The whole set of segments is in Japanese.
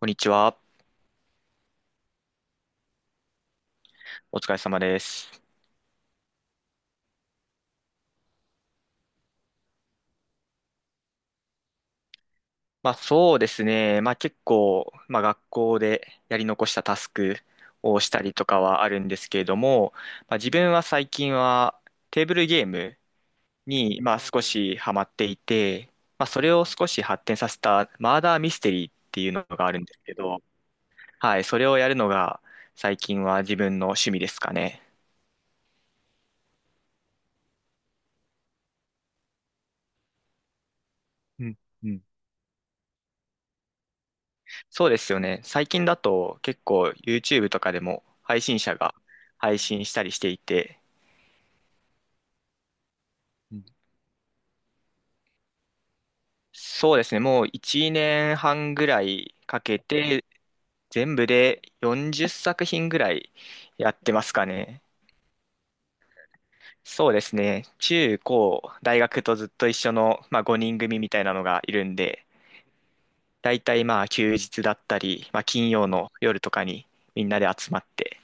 こんにちは。お疲れ様です。まあそうですね。まあ結構、まあ学校でやり残したタスクをしたりとかはあるんですけれども、まあ自分は最近はテーブルゲームにまあ少しハマっていて、まあそれを少し発展させたマーダーミステリーっていうのがあるんですけど、はい、それをやるのが最近は自分の趣味ですかね。うん、うん、そうですよね。最近だと結構 YouTube とかでも配信者が配信したりしていて、うん、そうですね。もう1年半ぐらいかけて、全部で40作品ぐらいやってますかね。そうですね。中高、大学とずっと一緒の、まあ、5人組みたいなのがいるんで、だいたいまあ休日だったり、まあ、金曜の夜とかにみんなで集まって、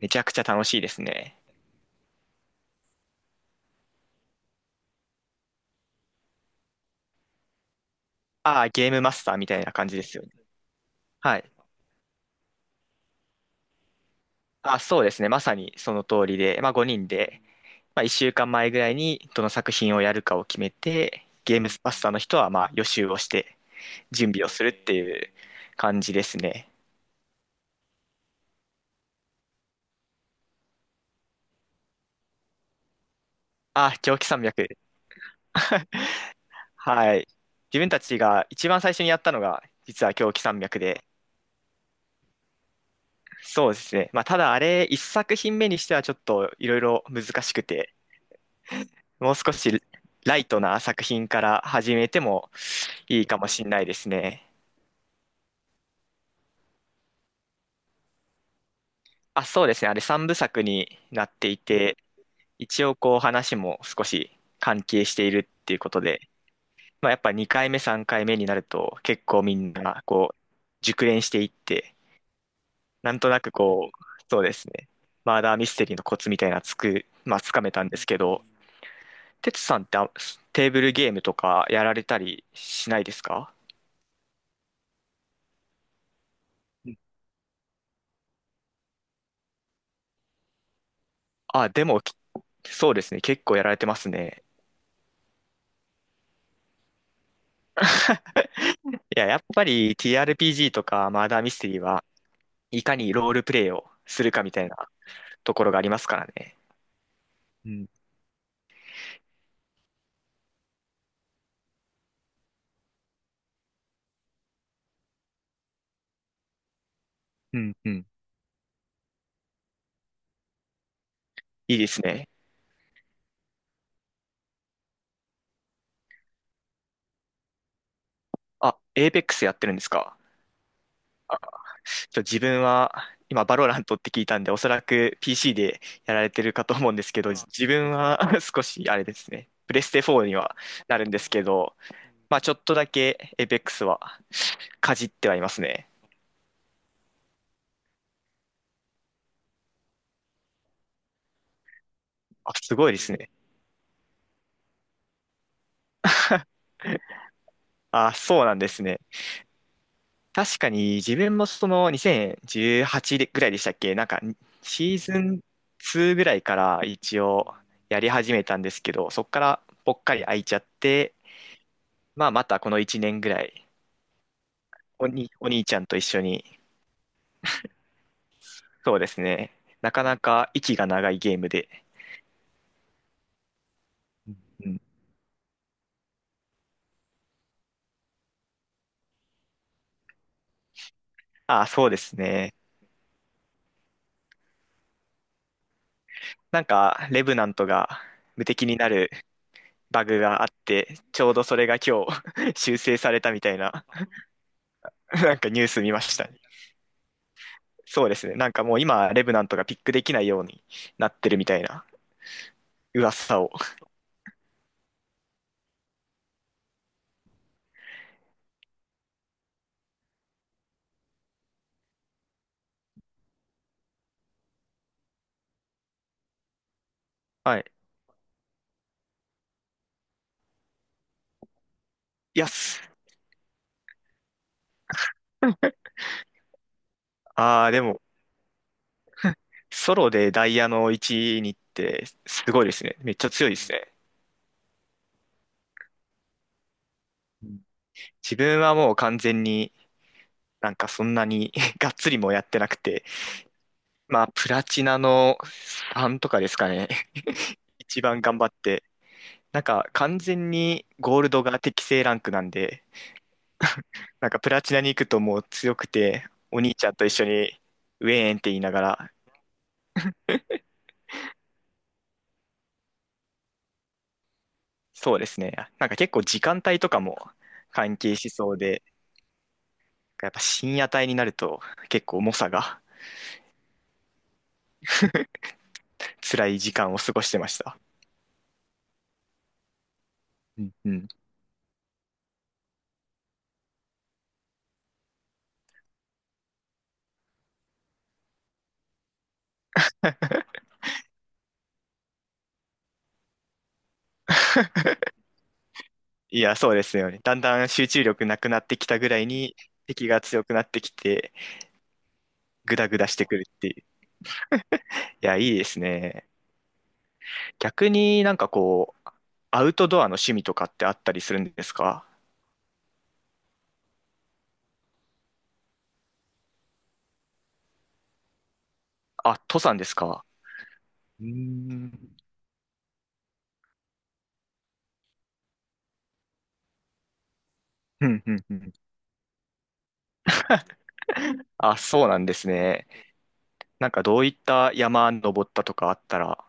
めちゃくちゃ楽しいですね。ああ、ゲームマスターみたいな感じですよね。はい。あ、そうですね。まさにその通りで、まあ5人で、まあ1週間前ぐらいにどの作品をやるかを決めて、ゲームマスターの人はまあ予習をして準備をするっていう感じですね。あ、狂気山脈。はい。自分たちが一番最初にやったのが実は狂気山脈で、そうですね。まあただあれ、1作品目にしてはちょっといろいろ難しくて、もう少しライトな作品から始めてもいいかもしれないですね。あ、そうですね。あれ三部作になっていて、一応こう話も少し関係しているっていうことで、まあやっぱ2回目3回目になると結構みんなこう熟練していって、なんとなくこう、そうですね。マーダーミステリーのコツみたいなまあつかめたんですけど、テツさんってテーブルゲームとかやられたりしないですか？うん。あ、でもきそうですね。結構やられてますね。いや、やっぱり TRPG とかマーダーミステリーはいかにロールプレイをするかみたいなところがありますからね。うん、うん、うん。いいですね。あ、エーペックスやってるんですか？あ、自分は今バロラントって聞いたんで、おそらく PC でやられてるかと思うんですけど、自分は 少しあれですね。プレステ4にはなるんですけど、まあちょっとだけエーペックスはかじってはいますね。あ、すごいですね。あ、そうなんですね。確かに自分もその2018ぐらいでしたっけなんかシーズン2ぐらいから一応やり始めたんですけど、そこからぽっかり空いちゃって、まあまたこの1年ぐらい、お兄ちゃんと一緒に、そうですね。なかなか息が長いゲームで。うん。ああ、そうですね。なんか、レブナントが無敵になるバグがあって、ちょうどそれが今日 修正されたみたいな、なんかニュース見ました。そうですね。なんかもう今、レブナントがピックできないようになってるみたいな噂を。はい。いや、すあー、でも、ソロでダイヤの1にってすごいですね。めっちゃ強いですね。うん、自分はもう完全になんかそんなに がっつりもやってなくて、まあ、プラチナのさんとかですかね。一番頑張って。なんか完全にゴールドが適正ランクなんで、なんかプラチナに行くともう強くて、お兄ちゃんと一緒にウェーンって言いながらそうですね。なんか結構時間帯とかも関係しそうで、やっぱ深夜帯になると結構重さが辛い時間を過ごしてました。うん、うん。いや、そうですよね。だんだん集中力なくなってきたぐらいに敵が強くなってきて、グダグダしてくるっていう。いや、いいですね。逆になんかこう、アウトドアの趣味とかってあったりするんですか？あ、登山ですか？うーん、うん、うん、うん。あ、そうなんですね。なんかどういった山登ったとかあったら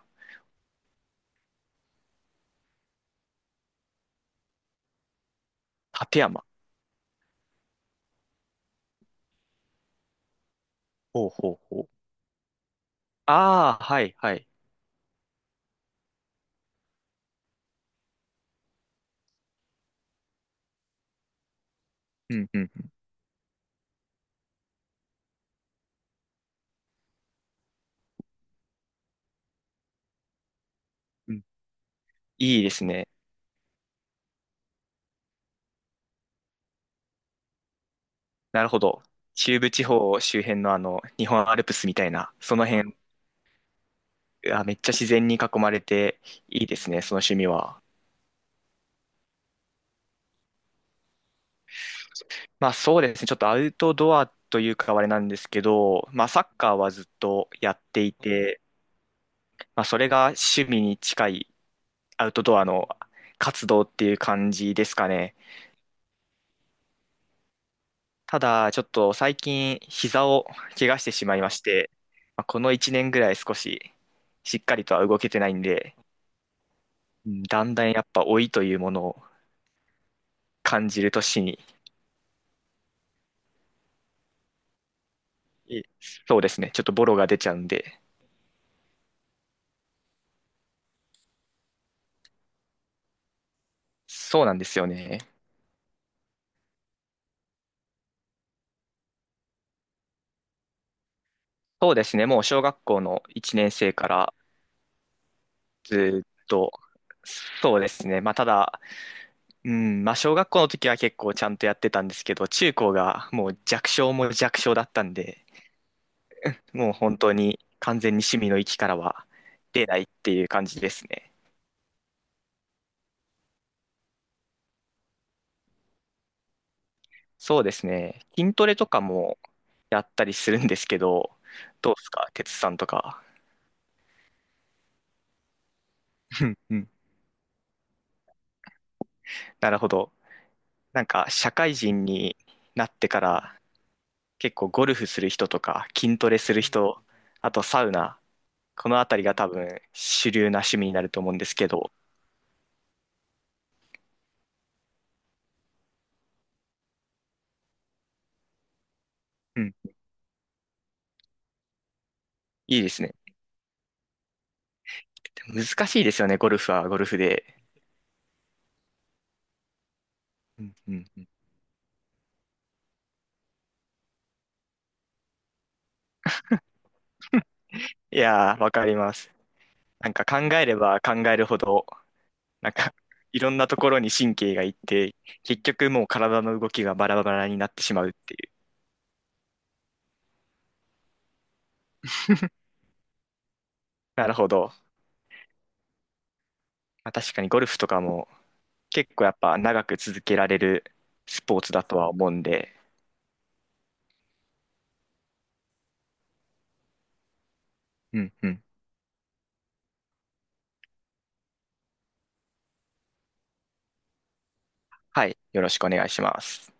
立山。ほうほうほう。ああ、はい、はい。うん、うん、うん。いいですね。なるほど。中部地方周辺のあの、日本アルプスみたいな、その辺、あ、めっちゃ自然に囲まれていいですね、その趣味は。まあそうですね、ちょっとアウトドアというかあれなんですけど、まあサッカーはずっとやっていて、まあそれが趣味に近いアウトドアの活動っていう感じですかね。ただ、ちょっと最近、膝を怪我してしまいまして、まあこの1年ぐらい少し、しっかりとは動けてないんで、うん、だんだんやっぱ老いというものを感じる年に、いそうですね、ちょっとボロが出ちゃうんで、そうなんですよね。そうですね、もう小学校の1年生からずっと、そうですね、まあただ、うん、まあ小学校の時は結構ちゃんとやってたんですけど、中高がもう弱小も弱小だったんで、もう本当に完全に趣味の域からは出ないっていう感じですね。そうですね。筋トレとかもやったりするんですけど、どうですか、哲さんとか。うん、うん、なるほど。なんか社会人になってから結構ゴルフする人とか筋トレする人、あとサウナ、このあたりが多分主流な趣味になると思うんですけど、うん、いいですね。でも難しいですよね、ゴルフはゴルフで。うん、うん、うん、いやー、わかります。なんか考えれば考えるほど、なんか いろんなところに神経がいって、結局もう体の動きがバラバラになってしまうっていう。なるほど。まあ、確かにゴルフとかも結構やっぱ長く続けられるスポーツだとは思うんで、うん、うん。はい。よろしくお願いします。